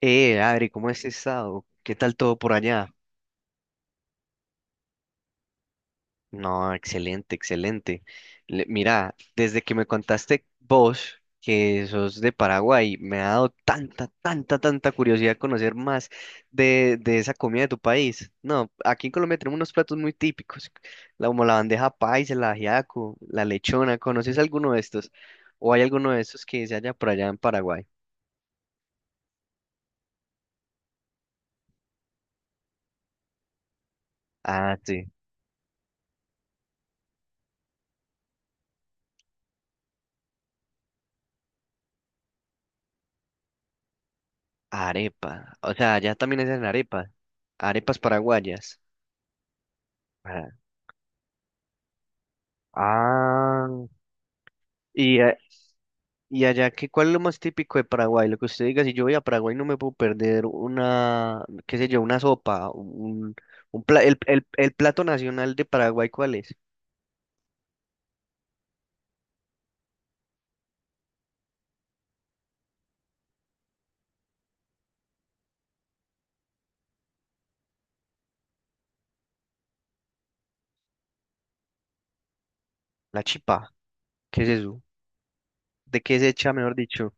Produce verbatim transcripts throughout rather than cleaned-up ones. Eh, Adri, ¿cómo has estado? ¿Qué tal todo por allá? No, excelente, excelente. Le- mira, desde que me contaste vos que sos de Paraguay, me ha dado tanta, tanta, tanta curiosidad conocer más de, de esa comida de tu país. No, aquí en Colombia tenemos unos platos muy típicos, la- como la bandeja paisa, el ajiaco, la lechona. ¿Conoces alguno de estos? ¿O hay alguno de estos que se halla por allá en Paraguay? Ah, sí. Arepa. O sea, allá también hacen arepa. Arepas paraguayas. Ah, ah, y, a- y allá, ¿qué, ¿cuál es lo más típico de Paraguay? Lo que usted diga, si yo voy a Paraguay no me puedo perder una, qué sé yo, una sopa, un, un pla- el, el, el plato nacional de Paraguay, ¿cuál es? La chipa, ¿qué es eso? ¿De qué se echa, mejor dicho?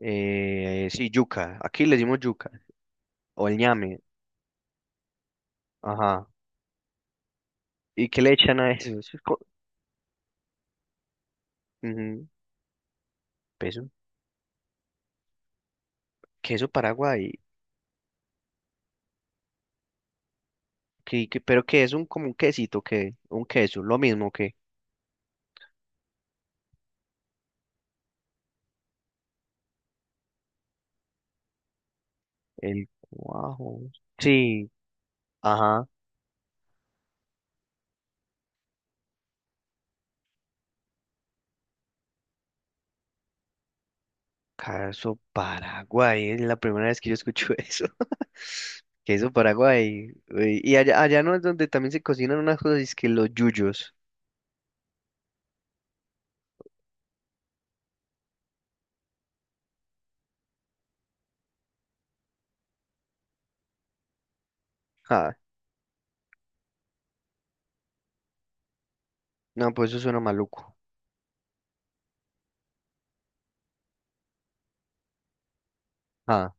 Eh, sí, yuca, aquí le decimos yuca, o el ñame, ajá. ¿Y qué le echan a eso? Eso es co- Ujú. Peso, queso Paraguay, que, que- pero que es un como un quesito, que un queso, lo mismo que... El cuajo. Sí, ajá. Caso Paraguay. Es la primera vez que yo escucho eso. Que eso Paraguay. Uy, y allá, allá no es donde también se cocinan unas cosas, es que los yuyos. Ah, no, pues eso suena maluco. Ah,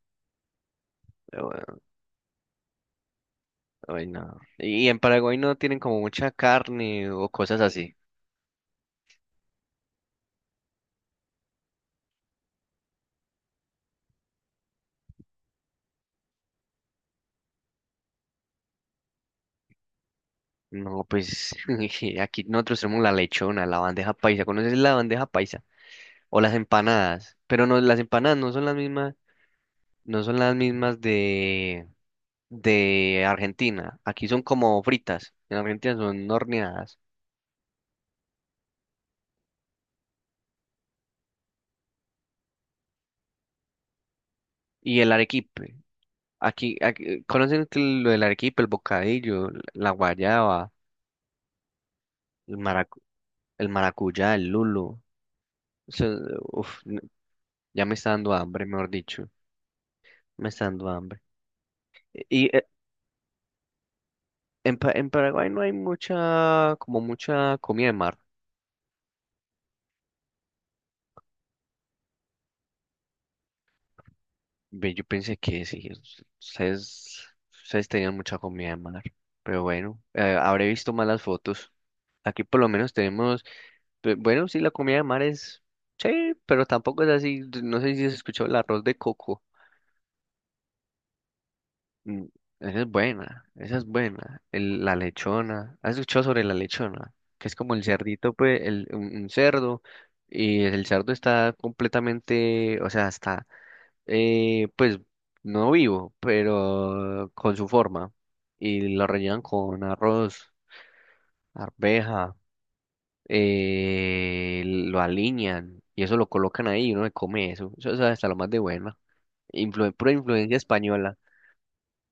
pero bueno, ay, no. Y en Paraguay no tienen como mucha carne o cosas así. No, pues aquí nosotros tenemos la lechona, la bandeja paisa. ¿Conoces la bandeja paisa? O las empanadas. Pero no, las empanadas no son las mismas, no son las mismas de, de Argentina. Aquí son como fritas, en Argentina son horneadas. Y el arequipe, aquí, aquí- ¿conocen que lo del arequipe, el bocadillo, la guayaba, el maracu- el maracuyá, el lulo? Eso, uf, n- ya me está dando hambre, mejor dicho, me está dando hambre. Y eh, en, Pa- en Paraguay no hay mucha, como mucha comida de mar. Ve, yo pensé que sí, us- ustedes, ustedes tenían mucha comida de mar, pero bueno, eh, habré visto malas fotos. Aquí por lo menos tenemos, pe- bueno, sí, la comida de mar es, sí, pero tampoco es así, d- no sé si has escuchado el arroz de coco. Mm, esa es buena, esa es buena. El- la lechona, ¿has escuchado sobre la lechona? Que es como el cerdito, pues, el, un un cerdo, y el cerdo está completamente, o sea, está Eh, pues no vivo, pero con su forma. Y lo rellenan con arroz, arveja, eh, lo alinean y eso lo colocan ahí y uno se come eso. Eso es hasta lo más de buena. Influ pura influencia española.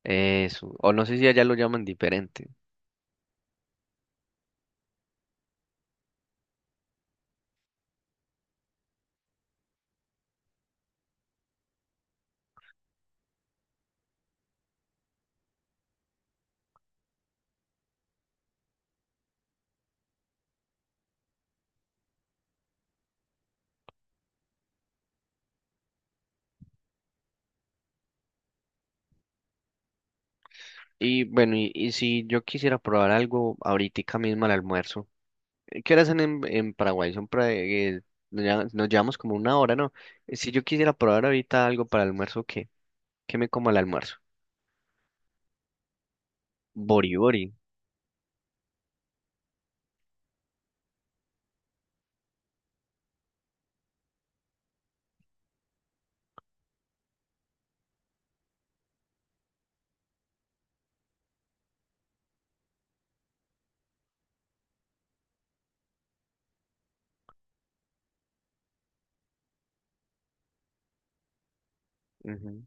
Eso. O no sé si allá lo llaman diferente. Y bueno, y, y si yo quisiera probar algo ahorita mismo al almuerzo. eh, ¿Qué horas son en, en Paraguay? Son pra- eh, nos llama- Nos llevamos como una hora, ¿no? Si yo quisiera probar ahorita algo para el almuerzo, ¿qué? ¿Qué me como al almuerzo? Bori bori. Ujú.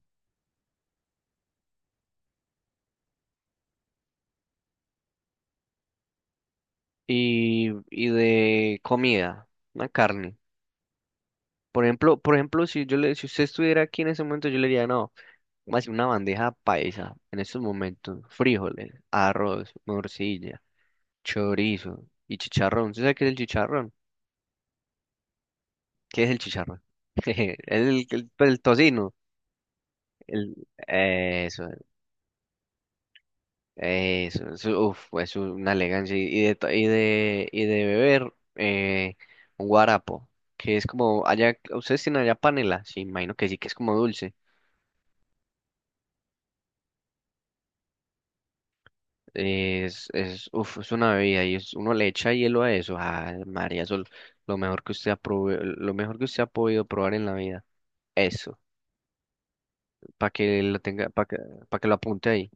Y, y de comida, una carne. Por ejemplo, por ejemplo, si yo le, si usted estuviera aquí en ese momento, yo le diría, no, más una bandeja paisa en estos momentos, frijoles, arroz, morcilla. Chorizo y chicharrón. ¿Usted sabe qué es el chicharrón? ¿Qué es el chicharrón? El, el, pues, el tocino. El, eso, eso, eso, uf, es una elegancia. Y de, to- y de, y de beber, eh, un guarapo, que es como, allá, ¿ustedes tienen allá panela? Sí, imagino que sí, que es como dulce. Es, es, uf, es una bebida y es, uno le echa hielo a eso. Ah, María, eso es lo mejor que usted ha prove- lo mejor que usted ha podido probar en la vida. Eso. Para que lo tenga, para que, pa' que lo apunte ahí.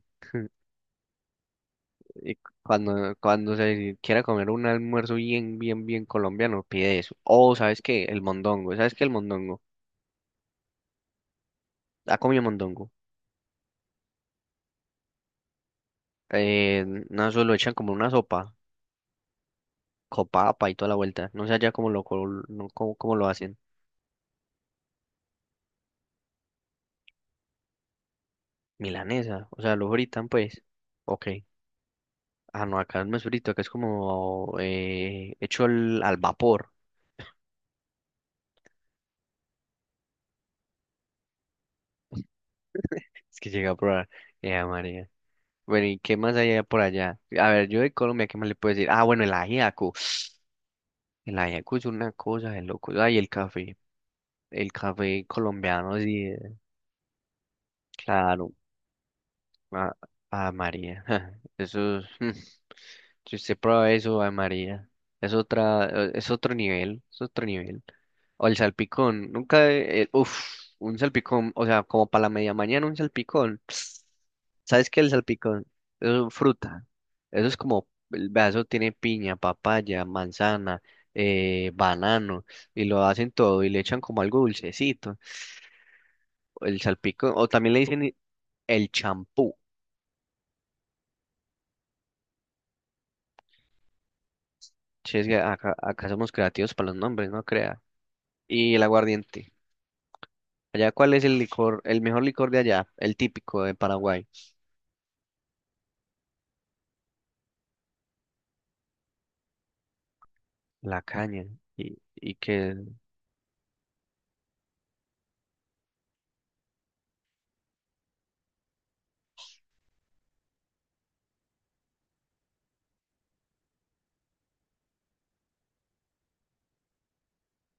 Y cuando, cuando se quiera comer un almuerzo bien, bien, bien colombiano, pide eso. O, ¿sabes qué? El mondongo. ¿Sabes qué? El mondongo. ¿Ha comido mondongo? Eh, no, eso lo echan como una sopa, copapa y toda la vuelta. No sé allá cómo lo, col- no, cómo, cómo lo hacen. Milanesa, o sea, lo fritan pues. Ok. Ah, no, acá no es frito, acá es como eh, hecho al, al vapor. Es que llega a probar. Eh, Bueno, ¿y qué más hay por allá? A ver, yo de Colombia, ¿qué más le puedo decir? Ah, bueno, el ajiaco. El ajiaco es una cosa de loco. Ay, el café. El café colombiano, sí, eh, claro. Ah, ah, María. Eso es- Si usted prueba eso, ay, María. Es otra, eh, es otro nivel. Es otro nivel. O el salpicón, nunca, eh, uff, un salpicón, o sea, como para la media mañana un salpicón. ¿Sabes qué es el salpicón? Eso es fruta. Eso es como, el vaso tiene piña, papaya, manzana, eh, banano, y lo hacen todo y le echan como algo dulcecito. El salpicón, o también le dicen i- el champú. Si es que acá, acá somos creativos para los nombres, no crea. Y el aguardiente. Allá, ¿cuál es el licor, el mejor licor de allá? El típico de Paraguay. La caña. Y, y que,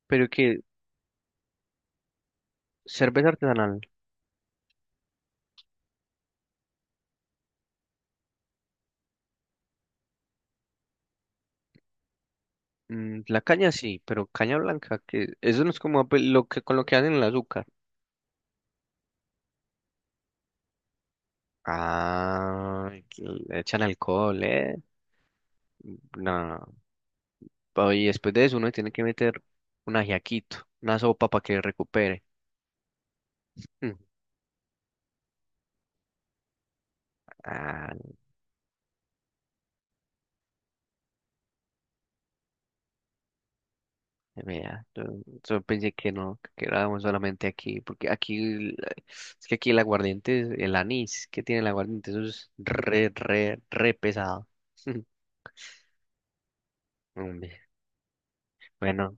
pero que cerveza artesanal. Mm, la caña sí, pero caña blanca, que eso no es como ape- lo que con lo que hacen el azúcar. Ah, que le echan alcohol, eh. No. pa- Y después de eso uno tiene que meter un ajiaquito, una sopa para que recupere. Mm. Ah, vea, yo, yo pensé que no, que quedábamos solamente aquí, porque aquí, el- es que aquí el aguardiente, es- el anís que tiene el aguardiente, eso es re, re, re pesado. Hombre, bueno,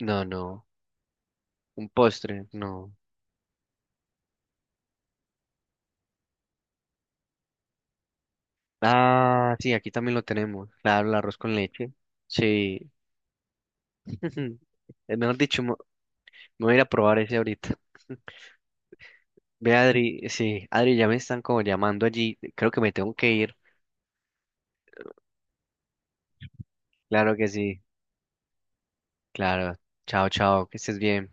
no, no, un postre, no. Ah, sí, aquí también lo tenemos, claro, el arroz con leche, sí. Eh, Mejor dicho, me me voy a ir a probar ese ahorita. Ve, Adri, sí, Adri, ya me están como llamando allí, creo que me tengo que ir, claro que sí. Claro. Chao, chao. Que estés bien.